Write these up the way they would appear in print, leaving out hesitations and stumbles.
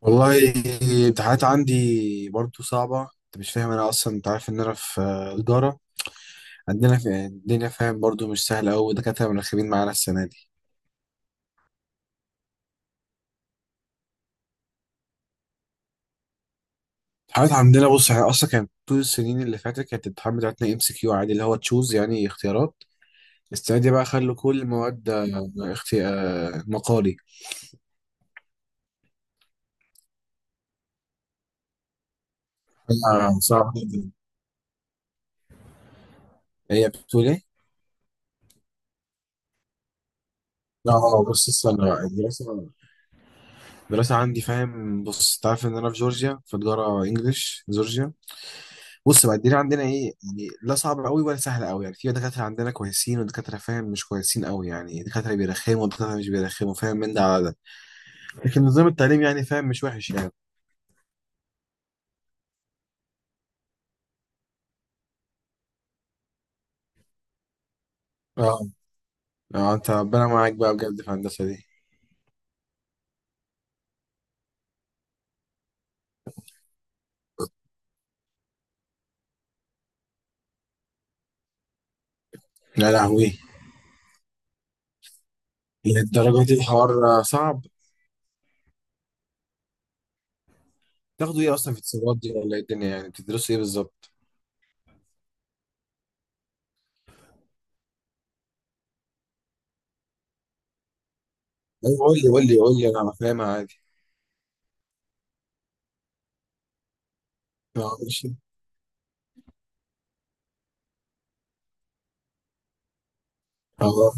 والله. الامتحانات عندي برضو صعبة. انت مش فاهم، انا اصلا انت عارف ان انا في تجارة. عندنا في الدنيا فاهم برضو مش سهلة أوي، دكاترة منخبين معانا السنة دي. الامتحانات عندنا، بص احنا اصلا كانت طول السنين اللي فاتت كانت الامتحان بتاعتنا ام سي كيو عادي، اللي هو تشوز يعني اختيارات. السنة دي بقى خلوا كل المواد آه، اختي... آه، مقالي. صعب جدا. هي بتقول ايه؟ لا اه بص استنى بقى الدراسة. الدراسة عندي فاهم، بص انت عارف ان انا في جورجيا، في تجارة انجلش جورجيا. بص بقى الدنيا عندنا ايه يعني؟ لا صعبة قوي ولا سهلة قوي. يعني في دكاترة عندنا كويسين ودكاترة فاهم مش كويسين قوي، يعني دكاترة بيرخموا ودكاترة مش بيرخموا فاهم من ده على ده. لكن نظام التعليم يعني فاهم مش وحش يعني. اه. اه انت ربنا معاك بقى بجد في الهندسة دي. لا لهوي، للدرجة دي الحوار صعب. تاخدوا ايه اصلا في اتصالات دي، ولا ايه الدنيا يعني، بتدرسوا ايه بالظبط؟ ايوه قول لي قول لي قول لي، انا فاهمها عادي. اه ماشي. اه.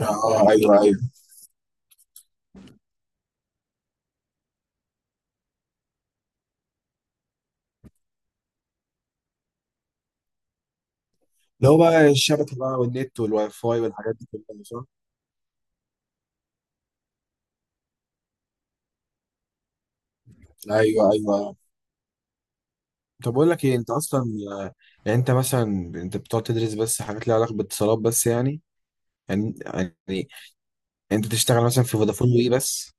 اه ايوه ايوه، اللي هو بقى الشبكة بقى والنت والواي فاي والحاجات دي كلها صح؟ ايوه ايوه. طب اقول لك ايه انت اصلا، يعني انت مثلا، انت بتقعد تدرس بس حاجات ليها علاقه باتصالات بس يعني، يعني، يعني انت تشتغل مثلا في فودافون وي بس؟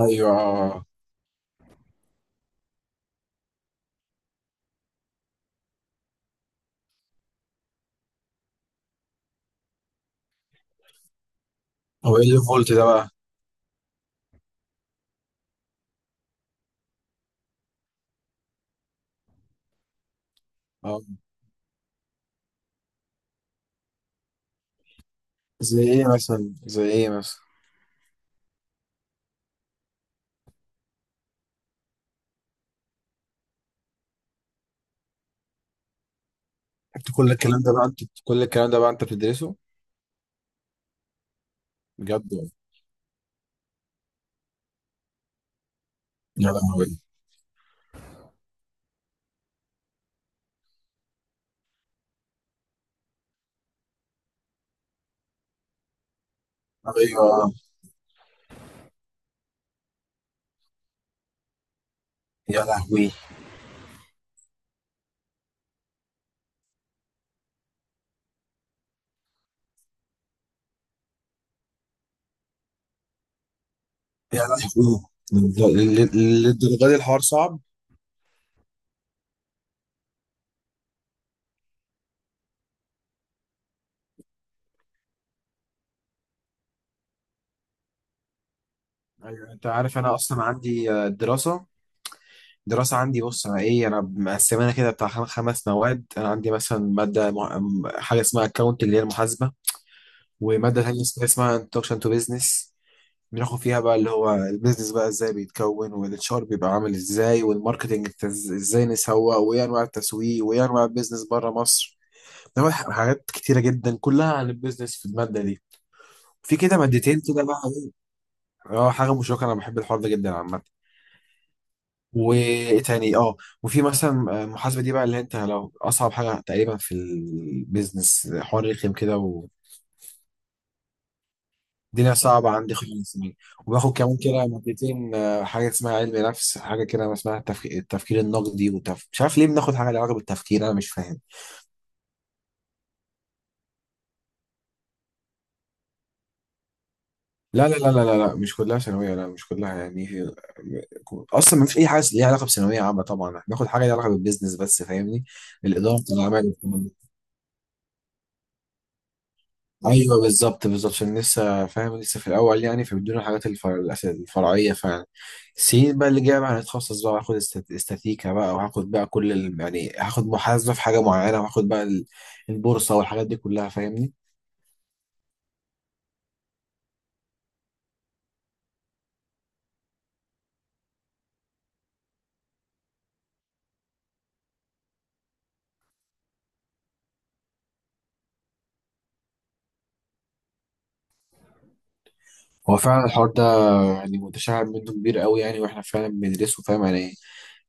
ايوه. هو ايه اللي فولت ده بقى؟ اه زي ايه مثلا زي ايه مثلا؟ انت كل الكلام ده بقى انت بتدرسه؟ بجد والله. يا لهوي. ايوه. يا لهوي. يا لهوي. للدرجه دي الحوار صعب. ايوه انت عارف انا اصلا عندي دراسه. دراسة عندي، بص أنا إيه، أنا مقسمانا كده بتاع خمس مواد. أنا عندي مثلا مادة حاجة اسمها أكاونت اللي هي المحاسبة. ومادة تانية اسمها انتروكشن تو بيزنس. بناخد فيها بقى اللي هو البيزنس بقى إزاي بيتكون، والاتش ار بيبقى عامل إزاي، والماركتنج إزاي نسوق، وإيه أنواع التسويق، وإيه أنواع البيزنس بره مصر. ده حاجات كتيرة جدا كلها عن البيزنس في المادة دي. في كده مادتين كده بقى. إيه، اه حاجة مشوقة، أنا بحب الحوار ده جدا عامة. وايه تاني اه، وفي مثلا محاسبه دي بقى اللي انت لو اصعب حاجه تقريبا في البيزنس، حوار رخم كده والدنيا صعبه عندي خالص يعني. وباخد كمان كده مادتين، حاجه اسمها علم نفس، حاجه كده اسمها التفكير النقدي مش عارف ليه بناخد حاجه لها علاقه بالتفكير، انا مش فاهم. لا لا لا لا لا لا، مش كلها ثانويه، لا مش كلها يعني اصلا ما فيش اي حاجه ليها علاقه بثانويه عامه. طبعا احنا بناخد حاجه ليها علاقه بالبيزنس بس فاهمني. الاداره بتاع الاعمال. ايوه بالظبط بالظبط، عشان لسه فاهم لسه في الاول يعني، فبيدونا الحاجات الفرعيه فعلا. السنين بقى اللي جايه بقى هنتخصص بقى هاخد استاتيكا بقى، وهاخد بقى كل ال... يعني هاخد محاسبه في حاجه معينه، وهاخد بقى ال- البورصه والحاجات دي كلها فاهمني. هو فعلا الحوار ده يعني متشعب منه كبير قوي يعني، واحنا فعلا بندرسه فاهم يعني.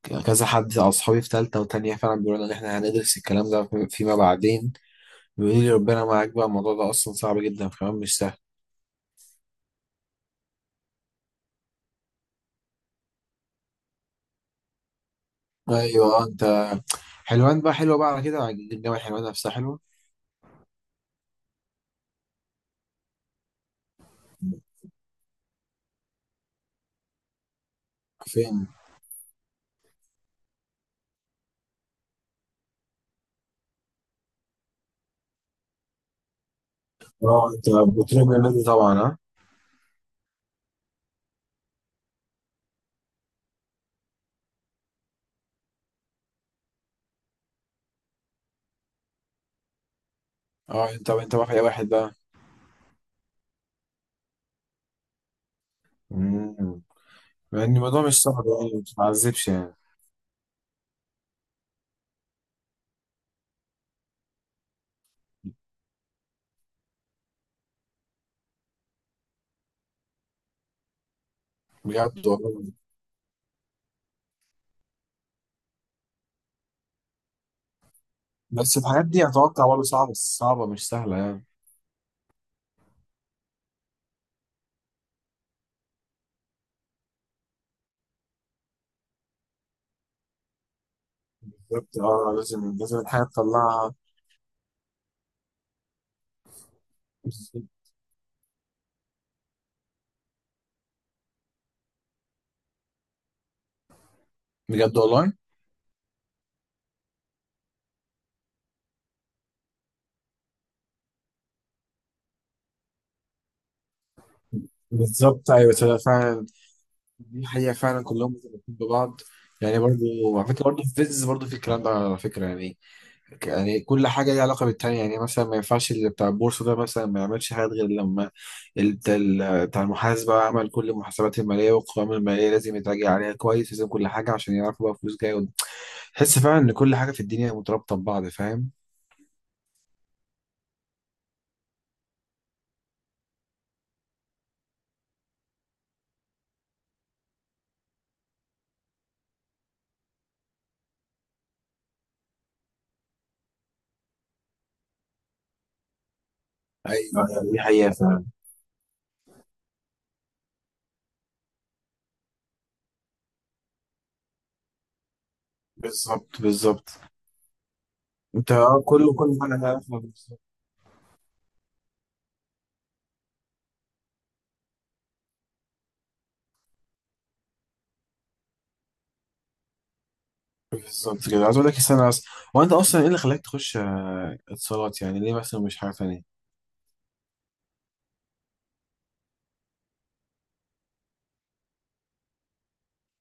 كذا حد اصحابي في ثالثه وثانيه فعلا بيقولوا ان احنا هندرس الكلام ده فيما بعدين. بيقولوا لي ربنا معاك بقى، الموضوع ده اصلا صعب جدا كمان مش سهل. ايوه انت. حلوان بقى حلوة بقى، على كده عجبني جامعة حلوان نفسها حلوة. فين؟ اه انت بتروح من النادي طبعا ها؟ اه انت انت بقى في اي واحد بقى؟ مم. مع ان الموضوع مش صعب يعني مش معذبش يعني. بجد والله. بس الحاجات دي اتوقع برضه صعبة، بس صعبة مش سهلة يعني. بالظبط اه لازم لازم الحاجة تطلعها. بجد والله. بالظبط ايوه تصدق فعلا، دي حقيقة فعلا كلهم مرتبطين ببعض. يعني برضه على فكرة برضه في فيز برضه في الكلام ده على فكرة يعني، يعني كل حاجة ليها علاقة بالتانية. يعني مثلا ما ينفعش اللي بتاع البورصة ده مثلا ما يعملش حاجات غير لما بتاع المحاسبة عمل كل المحاسبات المالية والقوائم المالية، لازم يتراجع عليها كويس، لازم كل حاجة عشان يعرفوا بقى فلوس جاية قدام. تحس فعلا إن كل حاجة في الدنيا مرتبطة ببعض فاهم؟ ايوه دي حقيقة فعلا. بالظبط بالظبط. انت اه كله كل حاجة ليها علاقة بالظبط. بالظبط كده عايز اقول لك استنى، اصلا هو انت اصلا ايه اللي خلاك تخش اتصالات، يعني ليه مثلا مش حاجة تانية؟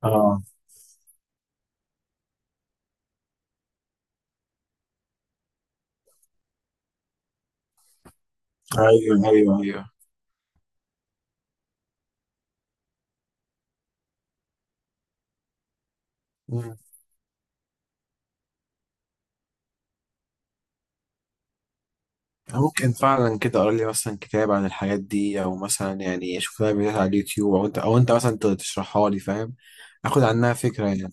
اه ايوه ايوه ايوه. ممكن فعلا كده اقرا لي مثلا كتاب عن الحاجات دي، او مثلا يعني اشوف لها فيديوهات على اليوتيوب، او انت او انت مثلا تشرحها لي فاهم، اخد عنها فكره يعني.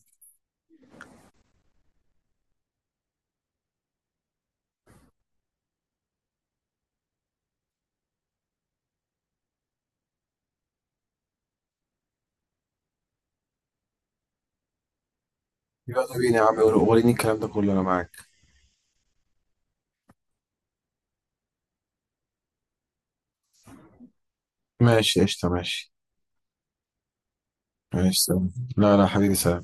يلا بينا يا عم وريني الكلام ده كله انا معاك. ماشي قشطه ماشي. ماشي سلام. لا لا حبيبي سلام.